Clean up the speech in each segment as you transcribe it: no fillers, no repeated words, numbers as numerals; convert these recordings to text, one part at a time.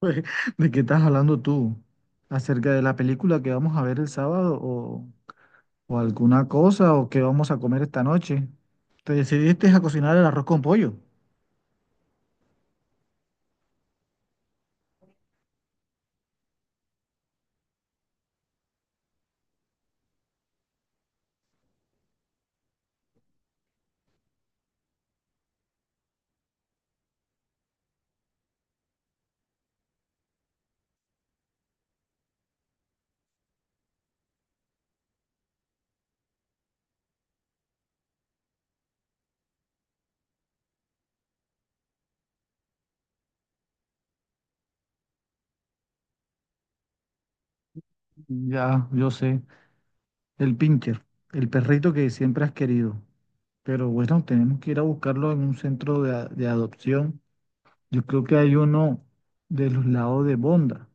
¿De qué estás hablando tú? ¿Acerca de la película que vamos a ver el sábado o alguna cosa o qué vamos a comer esta noche? ¿Te decidiste a cocinar el arroz con pollo? Ya, yo sé, el pincher, el perrito que siempre has querido. Pero bueno, tenemos que ir a buscarlo en un centro de adopción. Yo creo que hay uno de los lados de Bonda,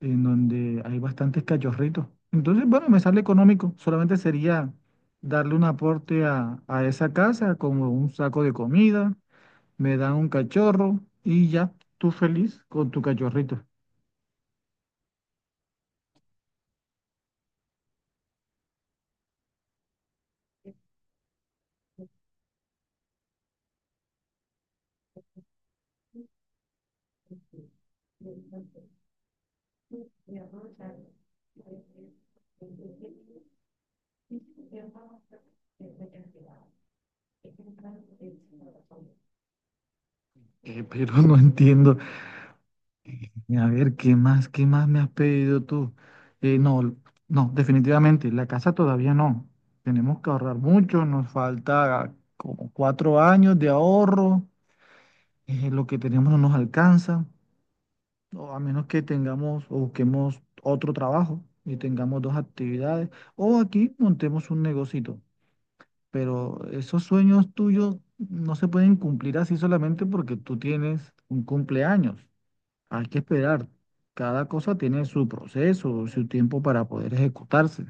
en donde hay bastantes cachorritos. Entonces, bueno, me sale económico. Solamente sería darle un aporte a esa casa, como un saco de comida, me dan un cachorro y ya tú feliz con tu cachorrito. Pero no entiendo. A ver, qué más me has pedido tú? No, no, definitivamente, la casa todavía no. Tenemos que ahorrar mucho, nos falta como 4 años de ahorro, lo que tenemos no nos alcanza, o a menos que tengamos o busquemos otro trabajo y tengamos dos actividades, o aquí montemos un negocito. Pero esos sueños tuyos no se pueden cumplir así solamente porque tú tienes un cumpleaños. Hay que esperar. Cada cosa tiene su proceso, su tiempo para poder ejecutarse.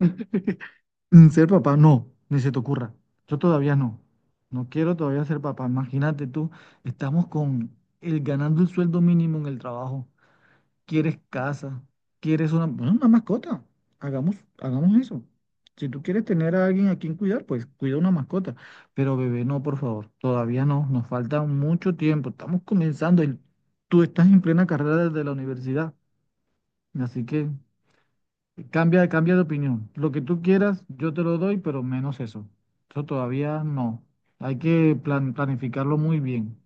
Ser papá, no, ni se te ocurra. Yo todavía no. No quiero todavía ser papá. Imagínate tú, estamos con el ganando el sueldo mínimo en el trabajo. Quieres casa, quieres una, bueno, una mascota. Hagamos, hagamos eso. Si tú quieres tener a alguien a quien cuidar, pues cuida una mascota. Pero bebé, no, por favor. Todavía no, nos falta mucho tiempo. Estamos comenzando, y tú estás en plena carrera desde la universidad. Así que cambia, cambia de opinión. Lo que tú quieras, yo te lo doy, pero menos eso. Eso todavía no. Hay que planificarlo muy bien.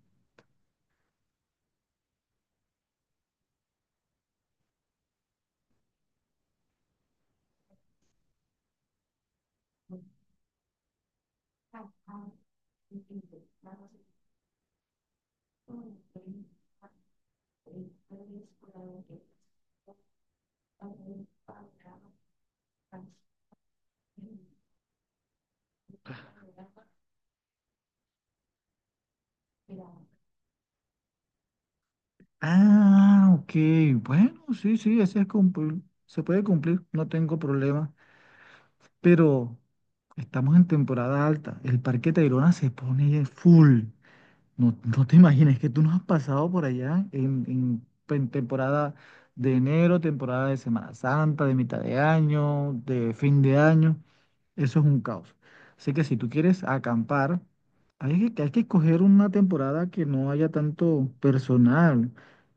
Ah, ok. Bueno, sí, sí, ese es cumplir. Se puede cumplir, no tengo problema. Pero estamos en temporada alta. El Parque Tayrona se pone full. No, no te imagines que tú no has pasado por allá en temporada de enero, temporada de Semana Santa, de mitad de año, de fin de año. Eso es un caos. Así que si tú quieres acampar, hay que escoger una temporada que no haya tanto personal,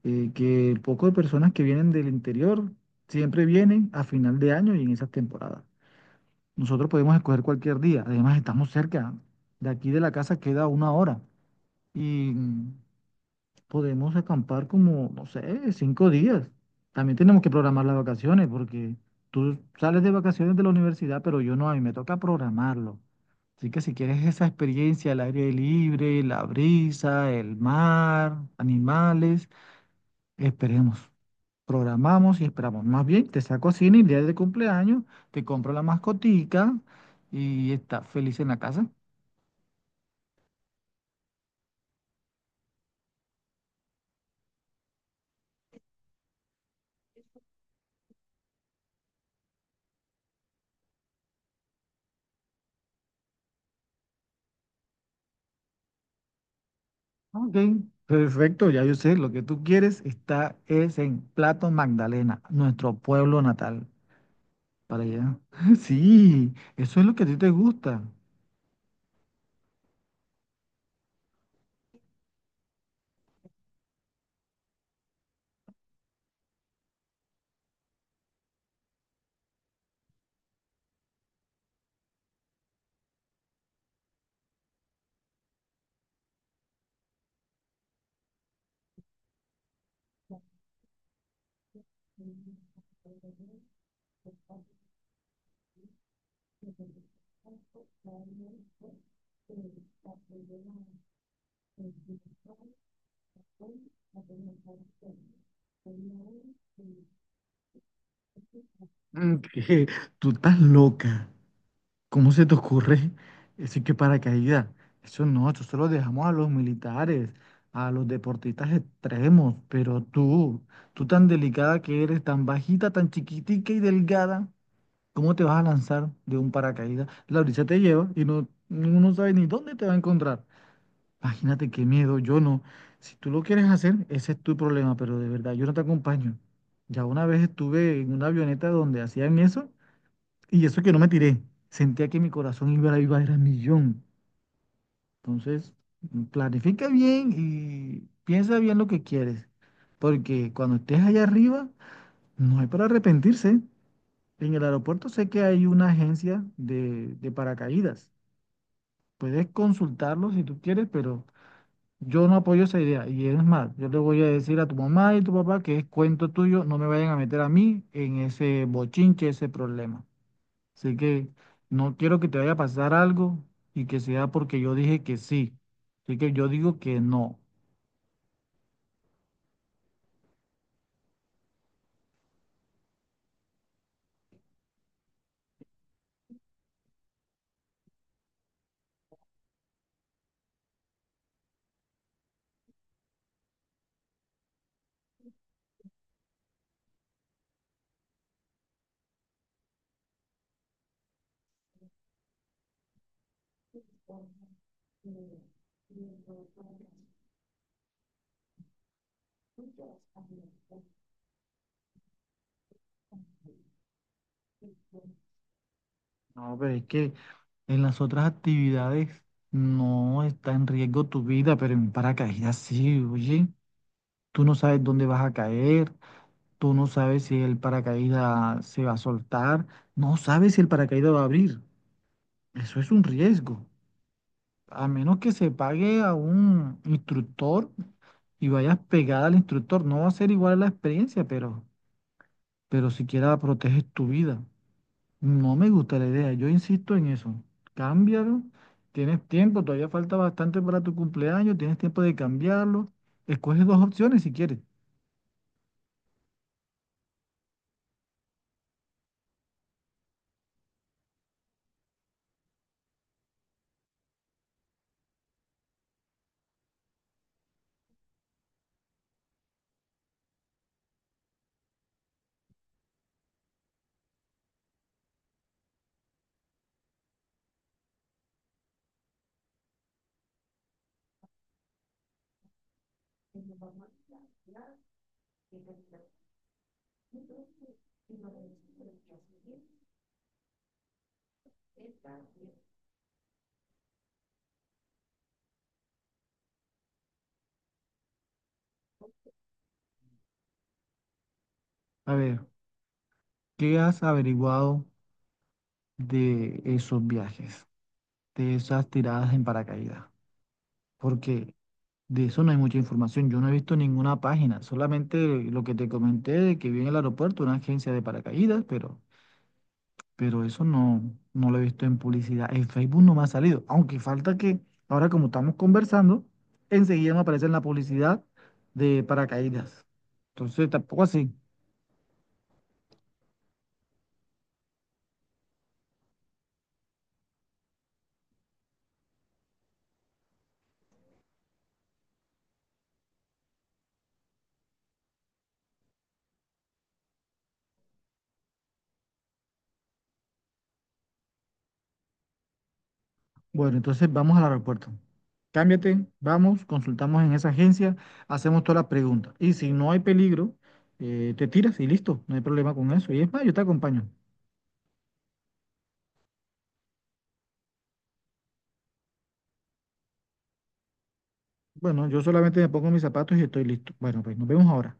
que el poco de personas que vienen del interior siempre vienen a final de año y en esas temporadas. Nosotros podemos escoger cualquier día, además estamos cerca, de aquí de la casa queda 1 hora y podemos acampar como, no sé, 5 días. También tenemos que programar las vacaciones porque tú sales de vacaciones de la universidad, pero yo no, a mí me toca programarlo. Así que si quieres esa experiencia, el aire libre, la brisa, el mar, animales, esperemos. Programamos y esperamos. Más bien, te saco a cine el día de cumpleaños, te compro la mascotica y estás feliz en la casa. Ok, perfecto, ya yo sé, lo que tú quieres está es en Plato Magdalena, nuestro pueblo natal, para allá. Sí, eso es lo que a ti te gusta. Mm, que Tú estás loca. ¿Cómo se te ocurre? Eso es que paracaídas. Eso no, eso se lo dejamos a los militares, a los deportistas extremos. Pero tú tan delicada que eres, tan bajita, tan chiquitica y delgada. ¿Cómo te vas a lanzar de un paracaídas? La brisa te lleva y no, uno no sabe ni dónde te va a encontrar. Imagínate qué miedo, yo no. Si tú lo quieres hacer, ese es tu problema, pero de verdad, yo no te acompaño. Ya una vez estuve en una avioneta donde hacían eso y eso que no me tiré. Sentía que mi corazón iba a vibrar a millón. Entonces, planifica bien y piensa bien lo que quieres, porque cuando estés allá arriba, no hay para arrepentirse. En el aeropuerto sé que hay una agencia de paracaídas. Puedes consultarlo si tú quieres, pero yo no apoyo esa idea. Y es más, yo le voy a decir a tu mamá y tu papá que es cuento tuyo, no me vayan a meter a mí en ese bochinche, ese problema. Así que no quiero que te vaya a pasar algo y que sea porque yo dije que sí. Así que yo digo que no. No, pero es que en las otras actividades no está en riesgo tu vida, pero en paracaídas sí, oye. Tú no sabes dónde vas a caer, tú no sabes si el paracaídas se va a soltar, no sabes si el paracaídas va a abrir. Eso es un riesgo. A menos que se pague a un instructor y vayas pegada al instructor, no va a ser igual la experiencia, pero siquiera proteges tu vida. No me gusta la idea, yo insisto en eso. Cámbialo, tienes tiempo, todavía falta bastante para tu cumpleaños, tienes tiempo de cambiarlo. Escoge dos opciones si quieres. A ver, ¿qué has averiguado de esos viajes, de esas tiradas en paracaídas? Porque de eso no hay mucha información. Yo no he visto ninguna página, solamente lo que te comenté de que vi en el aeropuerto una agencia de paracaídas, pero eso no, no lo he visto en publicidad. En Facebook no me ha salido, aunque falta que ahora como estamos conversando, enseguida me aparece en la publicidad de paracaídas. Entonces tampoco así. Bueno, entonces vamos al aeropuerto. Cámbiate, vamos, consultamos en esa agencia, hacemos todas las preguntas. Y si no hay peligro, te tiras y listo, no hay problema con eso. Y es más, yo te acompaño. Bueno, yo solamente me pongo mis zapatos y estoy listo. Bueno, pues nos vemos ahora.